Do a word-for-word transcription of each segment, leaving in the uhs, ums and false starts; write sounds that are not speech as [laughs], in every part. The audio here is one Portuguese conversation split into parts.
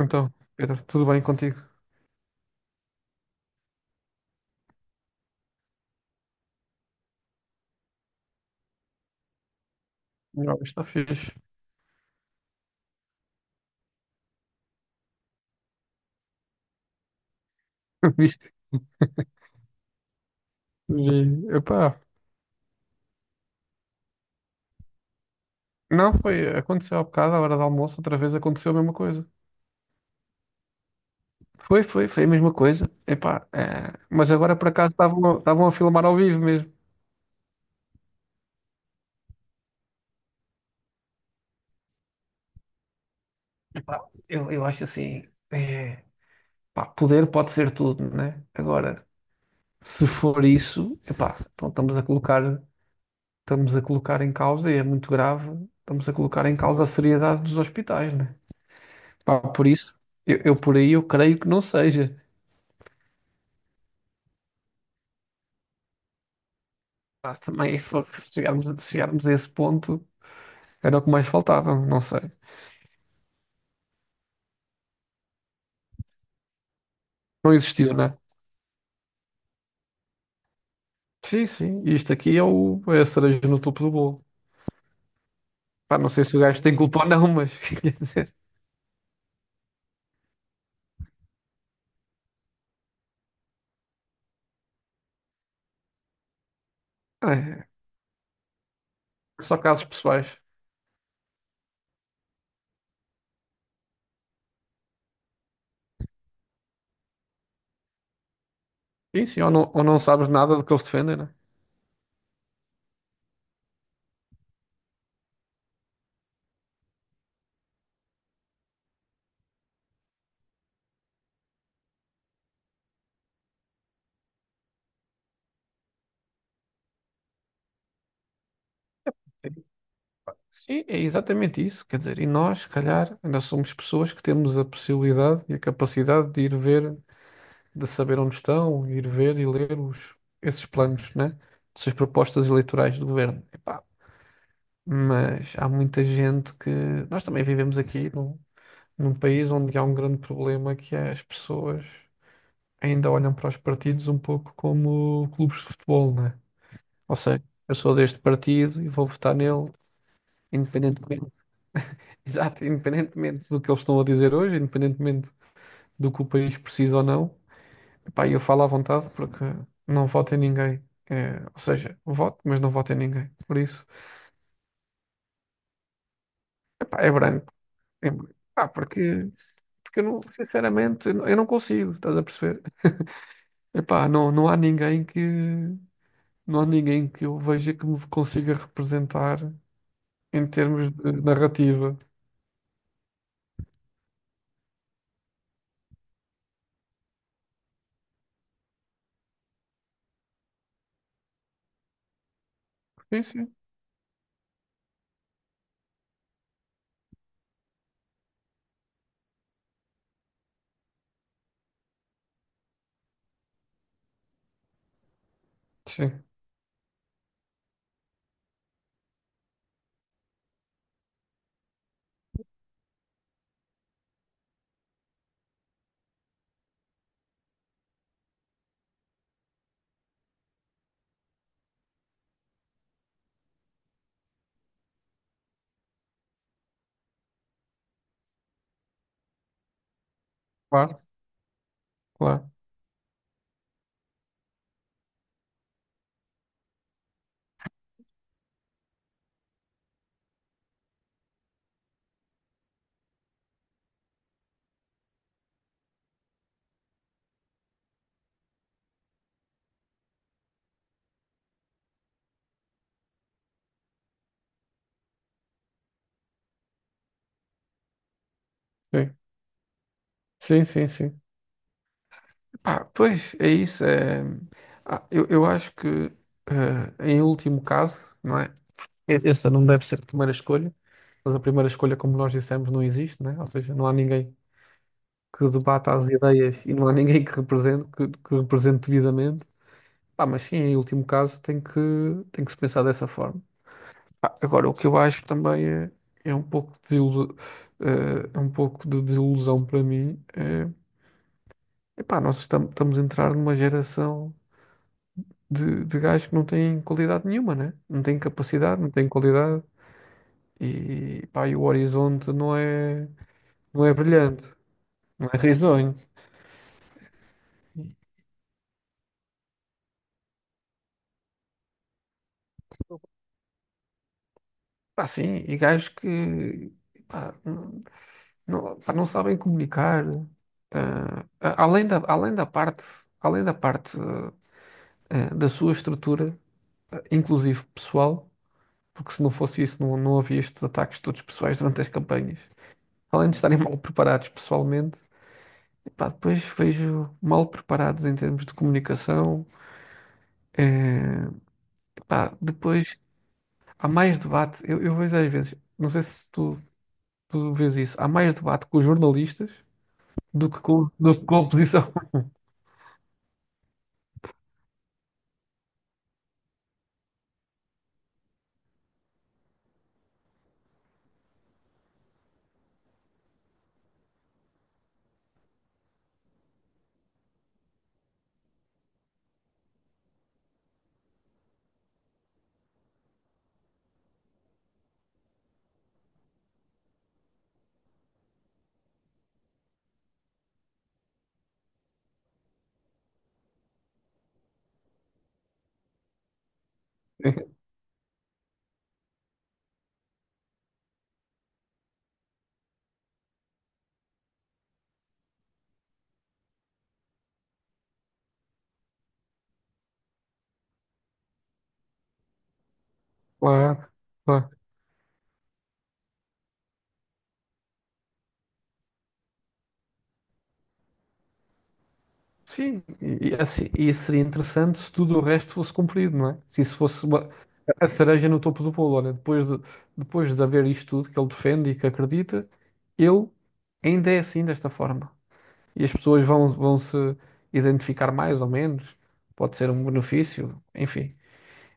Então, Pedro, tudo bem contigo? Não, está fixe. [laughs] Viste? E, epá, não, foi, aconteceu há bocado, à hora do almoço, outra vez aconteceu a mesma coisa. Foi, foi, foi a mesma coisa. Epá, eh, mas agora por acaso estavam, a- estavam a filmar ao vivo mesmo. Epá, eu, eu acho assim, eh, pá, poder pode ser tudo, né? Agora, se for isso, epá, então estamos a colocar, estamos a colocar em causa, e é muito grave, estamos a colocar em causa a seriedade dos hospitais, né? Pá, por isso, eu, eu por aí eu creio que não seja. Mas também, se for- se chegarmos, a- se chegarmos a esse ponto, era o que mais faltava, não sei. Não existiu, né? Sim, sim, e isto aqui é, o, é a cereja no topo do bolo. Pá, não sei se o gajo tem culpa ou não, mas [laughs] quer dizer, é, só casos pessoais. Sim, sim, ou não, ou não sabes nada do que eles defendem, né? Sim, é exatamente isso. Quer dizer, e nós, se calhar, ainda somos pessoas que temos a possibilidade e a capacidade de ir ver de saber onde estão, ir ver e ler os, esses planos, né? Essas propostas eleitorais do governo. Epá, mas há muita gente que. Nós também vivemos aqui num, num país onde há um grande problema que é as pessoas ainda olham para os partidos um pouco como clubes de futebol, né? Ou seja, eu sou deste partido e vou votar nele, independentemente, [laughs] exato, independentemente do que eles estão a dizer hoje, independentemente do que o país precisa ou não. Pá, eu falo à vontade porque não voto em ninguém. É, ou seja, voto, mas não voto em ninguém. Por isso, epá, é branco. É branco. Pá, porque, porque eu não, sinceramente, eu não eu não consigo, estás a perceber? Epá, não, não há ninguém que, não há ninguém que eu veja que me consiga representar em termos de narrativa. Sim, sim. Sim, claro, claro. Sim, sim, sim. sim. Epá, pois, é isso. é- Ah, eu, eu acho que, eh, em último caso, não é? E- Essa não deve ser a primeira escolha, mas a primeira escolha, como nós dissemos, não existe, né? Ou seja, não há ninguém que debata as ideias e não há ninguém que represente, que, que represente devidamente. Pá, mas sim, em último caso, tem que, tem que se pensar dessa forma. Pá, agora, o que eu acho também é, é um pouco de desilusão, é um pouco de desilusão para mim. É, epá, nós estamos, estamos a entrar numa geração de, de gajos que não têm qualidade nenhuma, né? Não têm capacidade, não têm qualidade. E, pá, e o horizonte não é. Não é brilhante, não é risonho. Pá, sim, e gajos que pá, não, pá, não sabem comunicar. Ah, a- além da, além da parte, além da parte ah, da sua estrutura, ah, inclusive pessoal, porque se não fosse isso não, não havia estes ataques todos pessoais durante as campanhas. Além de estarem mal preparados pessoalmente, pá, depois vejo mal preparados em termos de comunicação. Eh, pá, depois há mais debate. Eu, eu vejo às vezes, não sei se tu Tu vês isso. Há mais debate com os jornalistas do que com, do que com a oposição. [laughs] Claro, claro. Sim, e, e assim, e seria interessante se tudo o resto fosse cumprido, não é? Se isso fosse uma- A cereja no topo do bolo, olha, depois de, depois de haver isto tudo que ele defende e que acredita, ele ainda é assim desta forma. E as pessoas vão, vão se identificar mais ou menos, pode ser um benefício, enfim.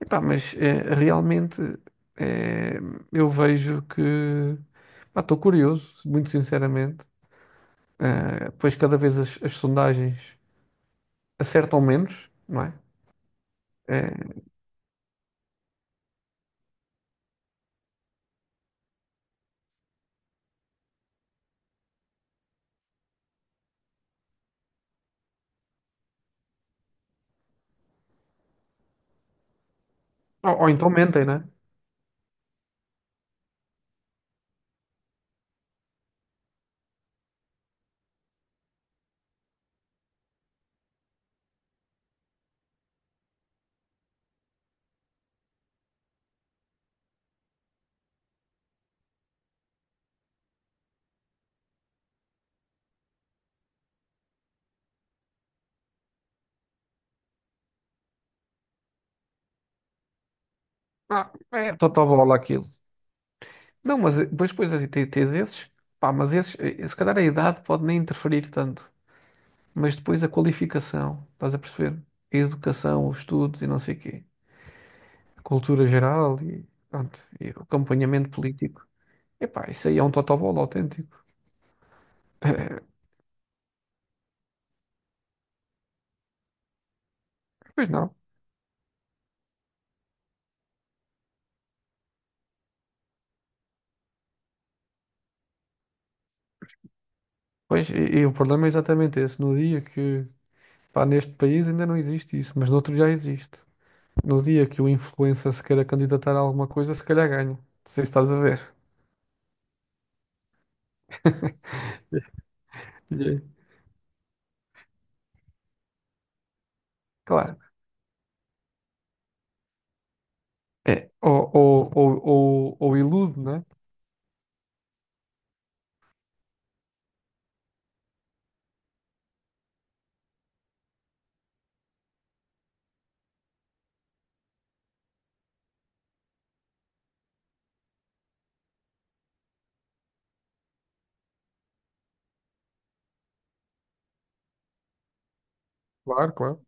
Epá, mas eh, realmente eh, eu vejo que estou curioso, muito sinceramente. Eh, pois cada vez as, as sondagens acertam menos, não é? Eh, ou, ou então mentem, não é? Ah, é totobola aquilo. Não, mas eh, depois, depois assim, te- tens esses, pá, mas esses, eh, eh, se calhar a idade pode nem interferir tanto, mas depois a qualificação, estás a perceber? A educação, os estudos e não sei o quê, a cultura geral e pronto, e o acompanhamento político. Epá, isso aí é um totobola autêntico. [laughs] Pois não. Pois, e, e o problema é exatamente esse. No dia que, pá, neste país ainda não existe isso, mas noutro já existe. No dia que o influencer se queira candidatar a alguma coisa, se calhar ganha. Não sei se estás a ver. [laughs] E, aí, claro. É. Ou, ou, ou, ou, ou ilude, né? Claro, claro.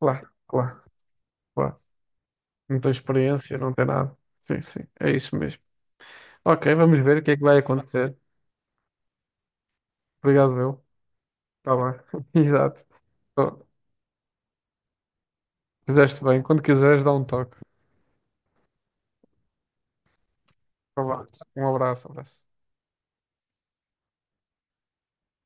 Claro, claro, claro. Não tem experiência, não tem nada. Sim, sim. É isso mesmo. Ok, vamos ver o que é que vai acontecer. Obrigado, meu. Tá bem. [laughs] Exato. Fizeste bem. Quando quiseres, dá um toque. Vá lá. Um abraço, abraço.